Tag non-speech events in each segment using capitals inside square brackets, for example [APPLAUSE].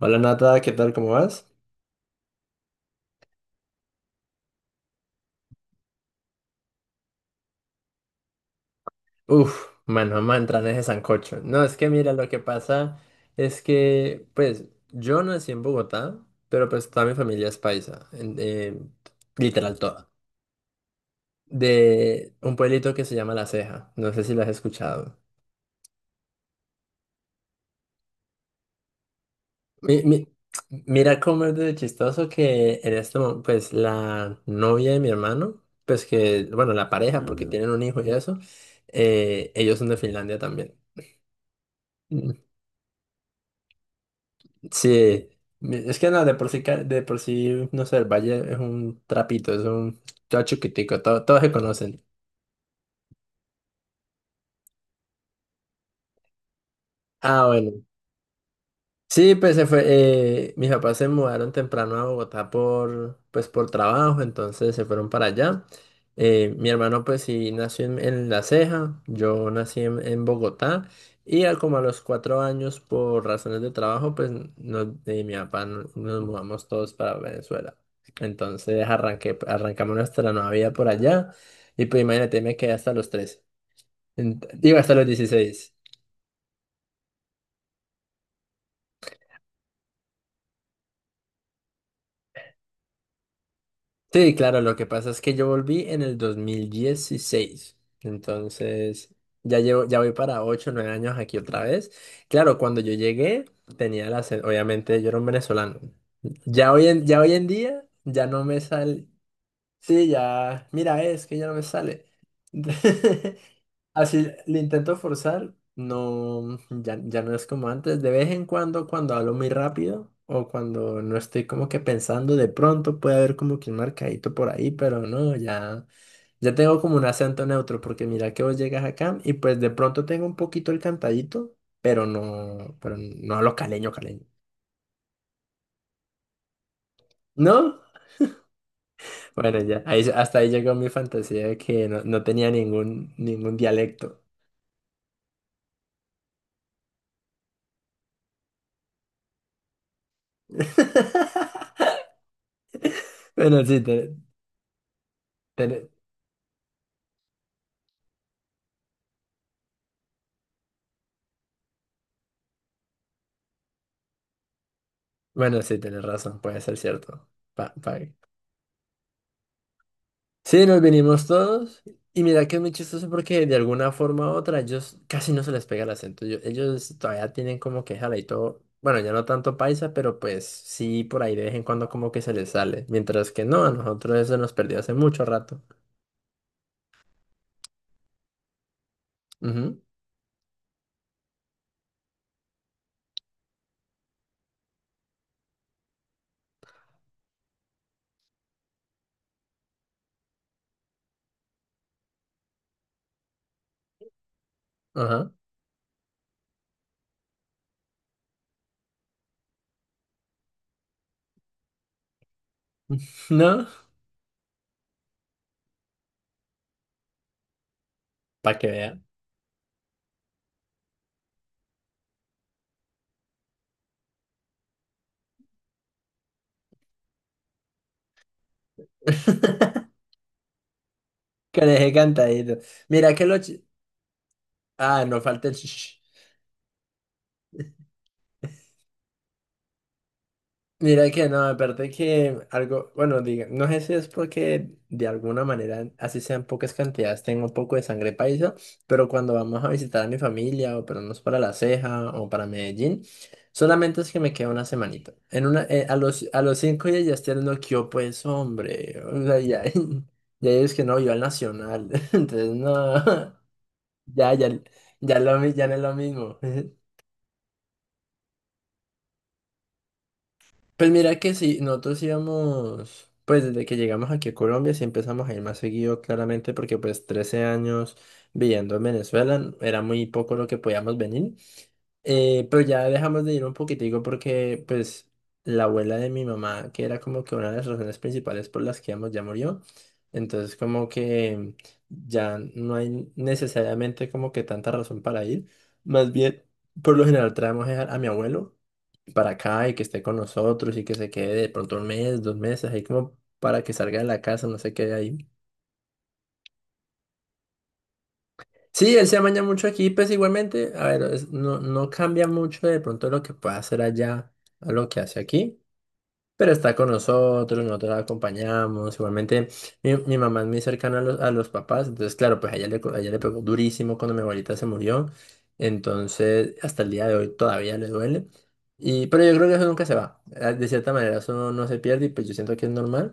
Hola Nata, ¿qué tal? ¿Cómo vas? Uf, mano, vamos a entrar en ese sancocho. No, es que mira, lo que pasa es que, pues, yo nací en Bogotá, pero pues toda mi familia es paisa, literal toda, de un pueblito que se llama La Ceja. No sé si lo has escuchado. Mi- mi- Mira cómo es de chistoso que en este momento, pues, la novia de mi hermano, pues que, bueno, la pareja, porque tienen un hijo y eso, ellos son de Finlandia también. Sí, mi- es que no, de por sí, ca- de por sí, no sé, el Valle es un trapito, es un todo chiquitico, todo- todos se conocen. Ah, bueno. Sí, pues se fue, mis papás se mudaron temprano a Bogotá por, pues, por trabajo, entonces se fueron para allá. Mi hermano pues sí nació en La Ceja, yo nací en Bogotá y a, como a los cuatro años por razones de trabajo pues nos, mi papá no- nos mudamos todos para Venezuela. Entonces arranqué, arrancamos nuestra nueva vida por allá y pues imagínate me quedé hasta los 13, Ent- digo hasta los 16. Sí, claro, lo que pasa es que yo volví en el 2016, entonces ya llevo, ya voy para 8, o 9 años aquí otra vez. Claro, cuando yo llegué tenía la, obviamente yo era un venezolano. Ya hoy en día ya no me sale, sí, ya, mira, es que ya no me sale. [LAUGHS] Así le intento forzar, no, ya, ya no es como antes. De vez en cuando, cuando hablo muy rápido o cuando no estoy como que pensando, de pronto puede haber como que un marcadito por ahí, pero no, ya, ya tengo como un acento neutro, porque mira que vos llegas acá y pues de pronto tengo un poquito el cantadito, pero no hablo caleño, caleño. ¿No? Bueno, ya, ahí, hasta ahí llegó mi fantasía de que no, no tenía ningún, ningún dialecto. [LAUGHS] Bueno, sí, te- te- bueno, sí, tienes razón, puede ser cierto. Pa pague. Sí, nos vinimos todos. Y mira que es muy chistoso porque de alguna forma u otra ellos casi no se les pega el acento. Yo- ellos todavía tienen como que jala y todo. Bueno, ya no tanto paisa, pero pues sí, por ahí de vez en cuando como que se les sale. Mientras que no, a nosotros eso nos perdió hace mucho rato. Ujú, ajá. [LAUGHS] ¿No? Para que vean. [LAUGHS] Que les he cantadito. Mira que lo... chi- ah, no falta el... [LAUGHS] Mira que no, aparte que algo, bueno, diga, no sé si es porque de alguna manera, así sean pocas cantidades, tengo un poco de sangre paisa, pero cuando vamos a visitar a mi familia o pero no es para La Ceja o para Medellín, solamente es que me queda una semanita. En una, a los cinco días ya estoy hablando que yo pues hombre, o sea, ya, [LAUGHS] ya es que no, yo al Nacional, [LAUGHS] entonces no, [LAUGHS] ya, ya, ya, lo, mi- ya no es lo mismo. [LAUGHS] Pues mira que sí, nosotros íbamos, pues desde que llegamos aquí a Colombia sí empezamos a ir más seguido claramente porque pues 13 años viviendo en Venezuela era muy poco lo que podíamos venir. Pero ya dejamos de ir un poquitico porque pues la abuela de mi mamá, que era como que una de las razones principales por las que íbamos, ya murió, entonces como que ya no hay necesariamente como que tanta razón para ir, más bien por lo general traemos a mi abuelo para acá y que esté con nosotros y que se quede de pronto un mes, dos meses, ahí como para que salga de la casa, no sé qué hay ahí. Sí, él se amaña mucho aquí, pues igualmente, a ver, es- no, no cambia mucho de pronto lo que pueda hacer allá a lo que hace aquí. Pero está con nosotros, nosotros la acompañamos. Igualmente, mi mamá es muy cercana a los papás, entonces, claro, pues a ella le, co- a ella le pegó durísimo cuando mi abuelita se murió. Entonces, hasta el día de hoy todavía le duele. Y, pero yo creo que eso nunca se va. De cierta manera, eso no, no se pierde y pues yo siento que es normal.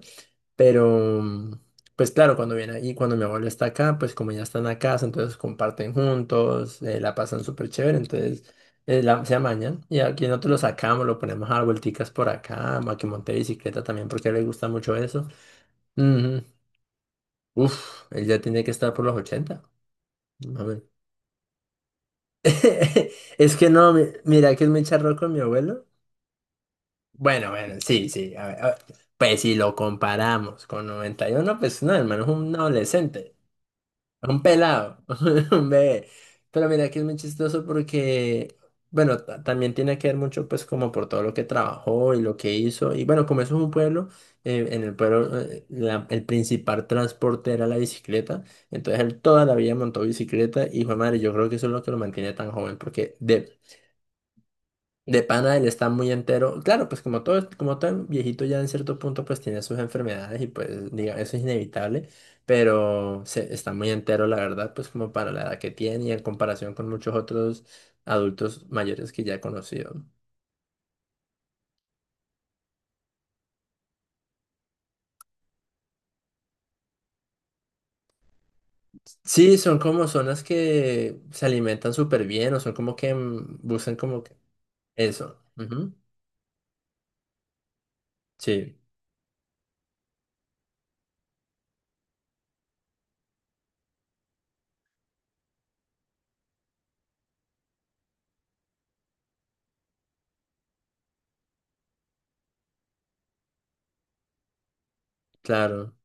Pero, pues claro, cuando viene ahí, cuando mi abuelo está acá, pues como ya están a casa, entonces comparten juntos, la pasan súper chévere, entonces la- se amañan. Y aquí nosotros lo sacamos, lo ponemos a dar vuelticas por acá, a que monte bicicleta también, porque a él le gusta mucho eso. Ujú. Uf, él ya tiene que estar por los 80 más o [LAUGHS] es que no, mi- mira que es me charro con mi abuelo. Bueno, bueno, sí, sí, a ver, pues si lo comparamos con 91 pues no, hermano, es un adolescente. A un pelado, [LAUGHS] un bebé. Pero mira que es muy chistoso porque, bueno, ta- también tiene que ver mucho pues como por todo lo que trabajó y lo que hizo. Y bueno, como eso es un pueblo, en el pueblo la- el principal transporte era la bicicleta. Entonces él toda la vida montó bicicleta y fue madre, yo creo que eso es lo que lo mantiene tan joven porque de pana, él está muy entero. Claro, pues como todo viejito ya en cierto punto pues tiene sus enfermedades y pues diga, eso es inevitable, pero se, está muy entero la verdad, pues como para la edad que tiene y en comparación con muchos otros adultos mayores que ya he conocido. Sí, son como zonas que se alimentan súper bien o son como que buscan como que eso. Ujú. Sí, claro,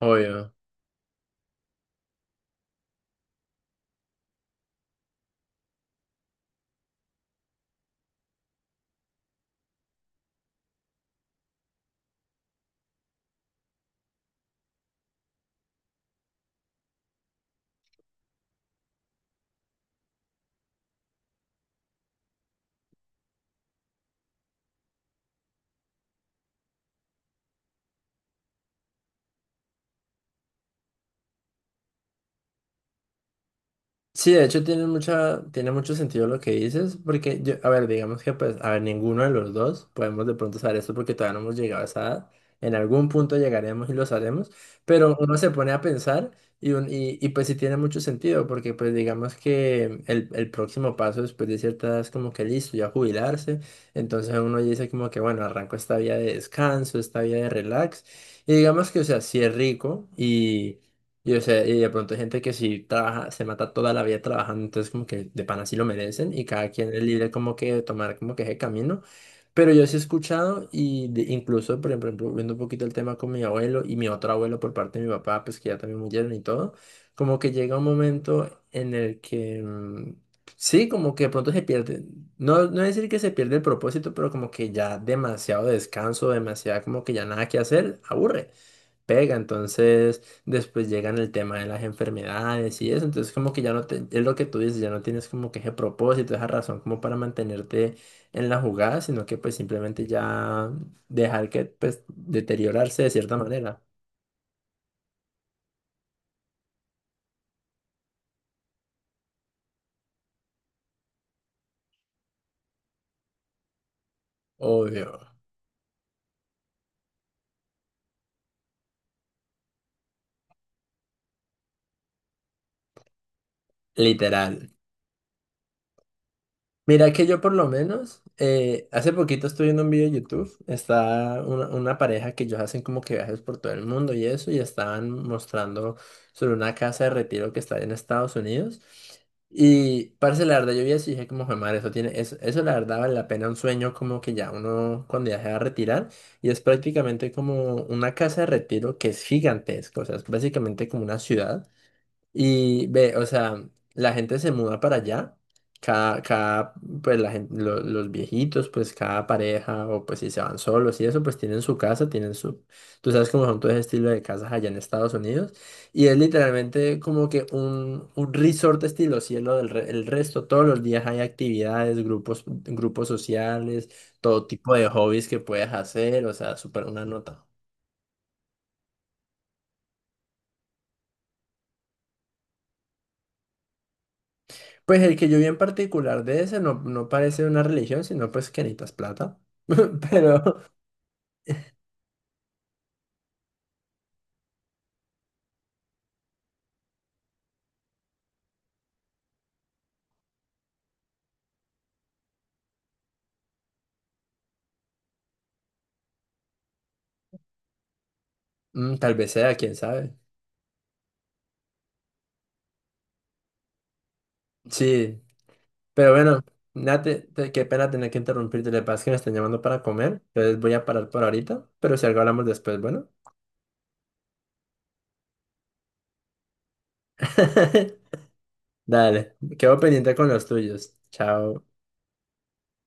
obvio. Sí, de hecho tiene mucha, tiene mucho sentido lo que dices, porque yo, a ver, digamos que pues, a ver, ninguno de los dos podemos de pronto saber esto porque todavía no hemos llegado a esa edad. En algún punto llegaremos y lo sabremos, pero uno se pone a pensar y, un- y pues sí tiene mucho sentido, porque pues digamos que el próximo paso después de cierta edad es como que listo, ya jubilarse, entonces uno dice como que bueno, arranco esta vida de descanso, esta vida de relax, y digamos que o sea, sí es rico y, o sea, y de pronto hay gente que sí trabaja, se mata toda la vida trabajando, entonces como que de pana sí lo merecen y cada quien es libre como que de tomar como que ese camino. Pero yo sí he escuchado y de- incluso, por ejemplo, viendo un poquito el tema con mi abuelo y mi otro abuelo por parte de mi papá, pues que ya también murieron y todo, como que llega un momento en el que, sí, como que de pronto se pierde, no, no decir que se pierde el propósito, pero como que ya demasiado descanso, demasiado como que ya nada que hacer, aburre pega, entonces después llegan el tema de las enfermedades y eso, entonces como que ya no te, es lo que tú dices, ya no tienes como que ese propósito, esa razón como para mantenerte en la jugada, sino que pues simplemente ya dejar que pues deteriorarse de cierta manera. Obvio. Literal. Mira que yo por lo menos, hace poquito estuve viendo un video de YouTube, está una pareja que ellos hacen como que viajes por todo el mundo y eso, y estaban mostrando sobre una casa de retiro que está en Estados Unidos. Y parce, la verdad yo vi eso y dije como, "Jue madre, eso tiene, eso la verdad vale la pena un sueño como que ya uno cuando ya se va a retirar, y es prácticamente como una casa de retiro que es gigantesca, o sea, es básicamente como una ciudad. Y ve, o sea, la gente se muda para allá, cada, cada, pues la gente, los viejitos, pues cada pareja, o pues si se van solos y eso, pues tienen su casa, tienen su, tú sabes cómo son todo ese estilo de casas allá en Estados Unidos, y es literalmente como que un resort estilo cielo del re- el resto, todos los días hay actividades, grupos, grupos sociales, todo tipo de hobbies que puedes hacer, o sea, súper una nota. Pues el que yo vi en particular de ese no, no parece una religión, sino pues que necesitas plata. [LAUGHS] Pero tal vez sea, quién sabe. Sí, pero bueno, Nate, te- qué pena tener que interrumpirte. Le pasa que me están llamando para comer, entonces voy a parar por ahorita. Pero si algo hablamos después, bueno. [LAUGHS] Dale, quedo pendiente con los tuyos. Chao.